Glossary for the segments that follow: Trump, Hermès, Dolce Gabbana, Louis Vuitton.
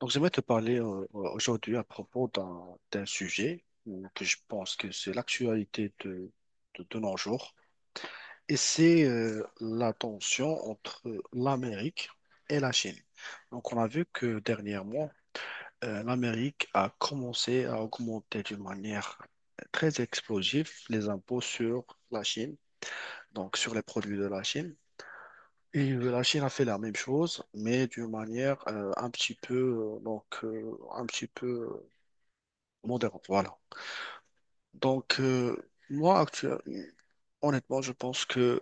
Donc, j'aimerais te parler aujourd'hui à propos d'un sujet que je pense que c'est l'actualité de nos jours, et c'est la tension entre l'Amérique et la Chine. Donc, on a vu que dernièrement, l'Amérique a commencé à augmenter d'une manière très explosive les impôts sur la Chine, donc sur les produits de la Chine. Et la Chine a fait la même chose, mais d'une manière un petit peu, un petit peu modérable, voilà. Donc, moi, actuellement, honnêtement, je pense que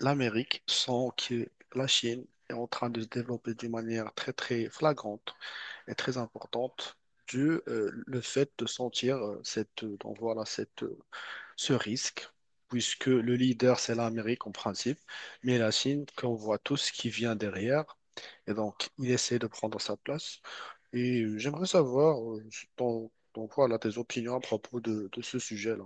l'Amérique, sans que la Chine est en train de se développer d'une manière très, très flagrante et très importante, dû le fait de sentir cette, donc voilà, cette, ce risque, puisque le leader, c'est l'Amérique en principe, mais la Chine, qu'on voit tous, qui vient derrière, et donc, il essaie de prendre sa place. Et j'aimerais savoir voilà, tes opinions à propos de ce sujet-là.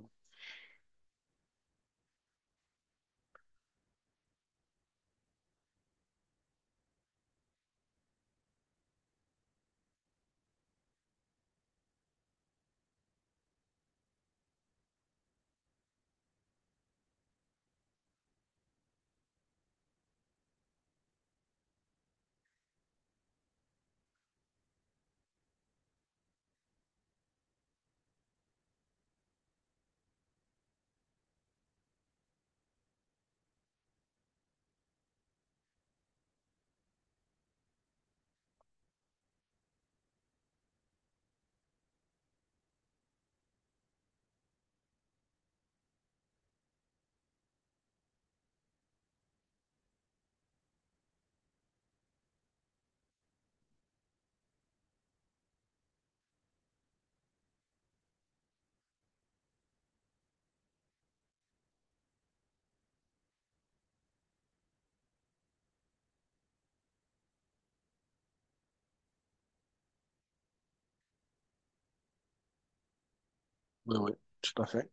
Oui, oui, tout à fait.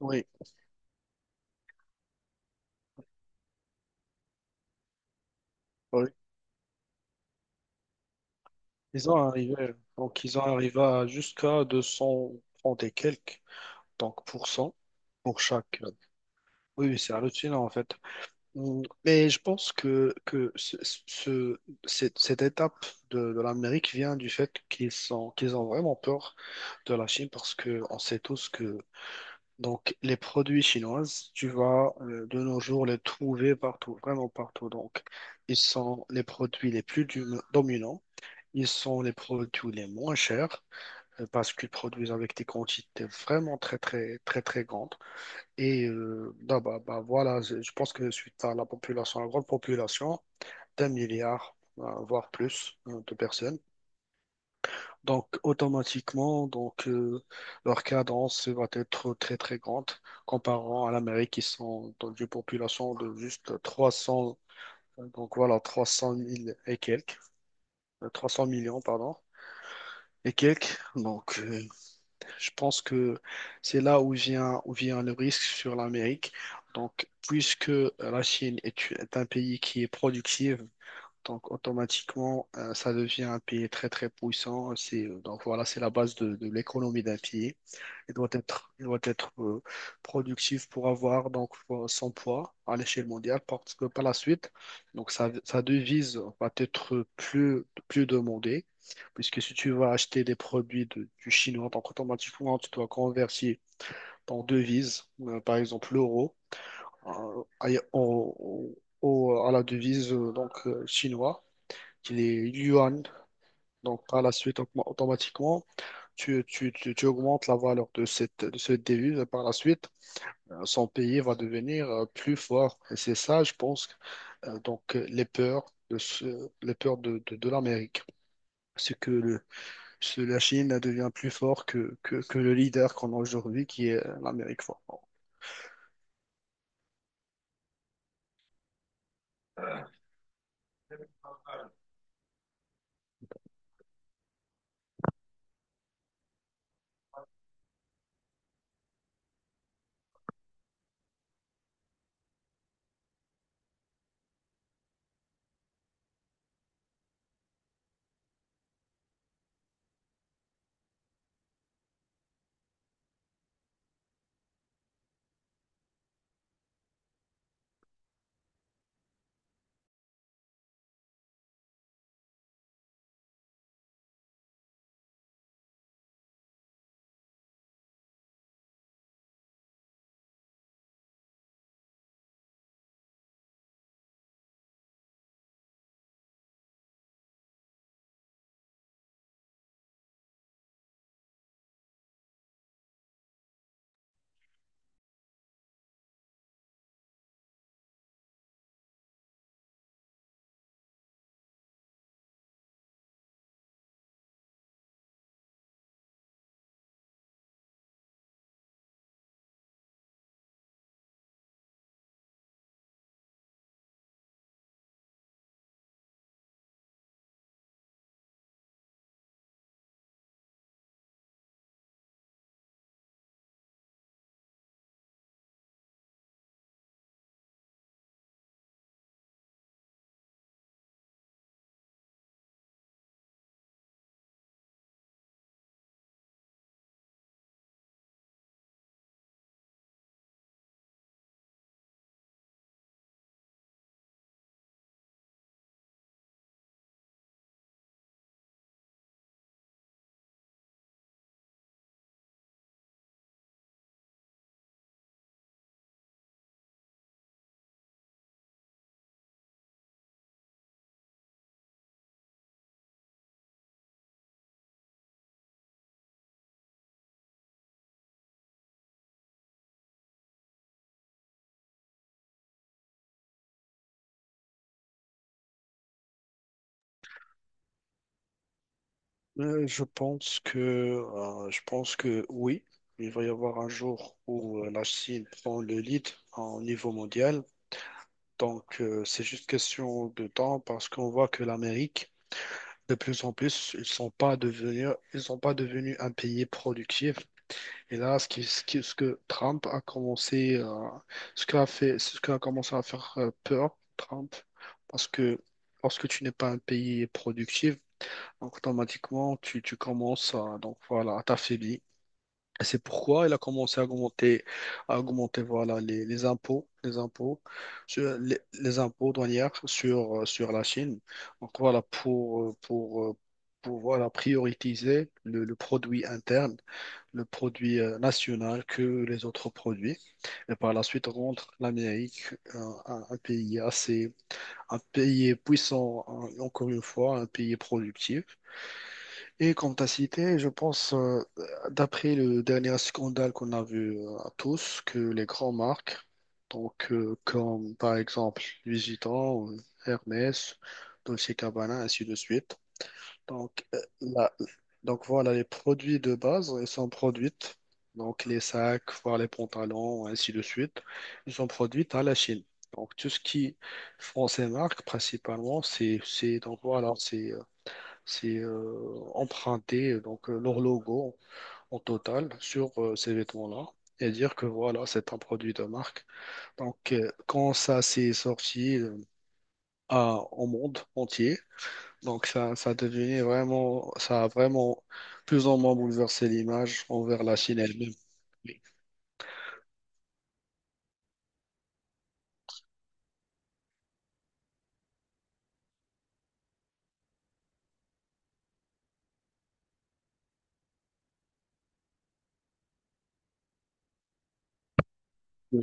Oui, oui. Ils ont arrivé à jusqu'à 230 et quelques, donc % pour chaque. Oui, oui, c'est hallucinant en fait. Mm, mais je pense que ce- cette étape de l'Amérique vient du fait qu'ils ont vraiment peur de la Chine parce que on sait tous que donc, les produits chinoises, tu vas de nos jours les trouver partout, vraiment partout. Donc, ils sont les produits les plus dominants, ils sont les produits les moins chers parce qu'ils produisent avec des quantités vraiment très, très, très, très grandes. Et non, bah, bah, voilà, je pense que suite à la population, à la grande population, d'1 milliard, voire plus de personnes. Donc, automatiquement, leur cadence va être très, très grande comparant à l'Amérique qui sont dans une population de juste 300, trois cent mille et quelques, 300 millions, pardon, et quelques. Donc, je pense que c'est là où vient le risque sur l'Amérique. Donc, puisque la Chine est un pays qui est productif, donc automatiquement, ça devient un pays très, très puissant. C'est la base de l'économie d'un pays. Il doit être productif pour avoir donc son poids à l'échelle mondiale parce que par la suite, donc sa devise va être plus, plus demandée puisque si tu vas acheter des produits du chinois, donc automatiquement tu dois convertir ton devise, par exemple l'euro, euh, à, au- à la devise chinois qui est yuan. Donc par la suite, automatiquement tu augmentes la valeur de cette devise et par la suite, son pays va devenir plus fort. Et c'est ça, je pense, les peurs les peurs de l'Amérique. C'est que le, ce- la Chine devient plus fort que le leader qu'on a aujourd'hui, qui est l'Amérique forte. Je pense que oui, il va y avoir un jour où la Chine prend le lead en niveau mondial. Donc, c'est juste question de temps parce qu'on voit que l'Amérique de plus en plus, ils sont pas devenus un pays productif. Et là, ce que Trump a commencé, ce qu'a commencé à faire peur, Trump, parce que lorsque tu n'es pas un pays productif, automatiquement, tu commences à, donc voilà, à t'affaiblir. C'est pourquoi il a commencé à augmenter voilà, les impôts, sur, les impôts douanières sur, sur la Chine. Donc voilà, pour voilà, prioriser le produit interne, le produit national que les autres produits. Et par la suite, rendre l'Amérique un pays assez, un pays puissant, encore une fois, un pays productif. Et comme tu as cité, je pense, d'après le dernier scandale qu'on a vu à tous, que les grandes marques, comme par exemple Louis Vuitton, Hermès, Dolce Gabbana, ainsi de suite. Donc, euh, la- donc, les produits de base, ils sont produits, donc les sacs, voire les pantalons, ainsi de suite, ils sont produits à la Chine. Donc tout ce qui font ces marques, principalement, c'est emprunter donc leur logo en total sur ces vêtements-là et dire que voilà, c'est un produit de marque. Donc quand ça s'est sorti au monde entier, ça devenait vraiment, ça a vraiment plus ou moins bouleversé l'image envers la Chine elle-même. Oui. Oui.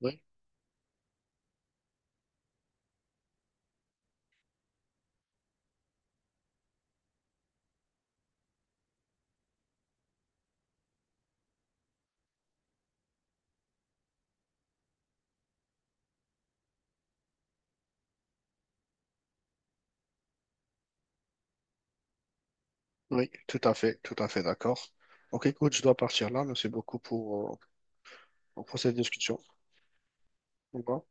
Oui. Oui, tout à fait d'accord. Ok, écoute, je dois partir là. Merci beaucoup pour cette discussion. Au revoir.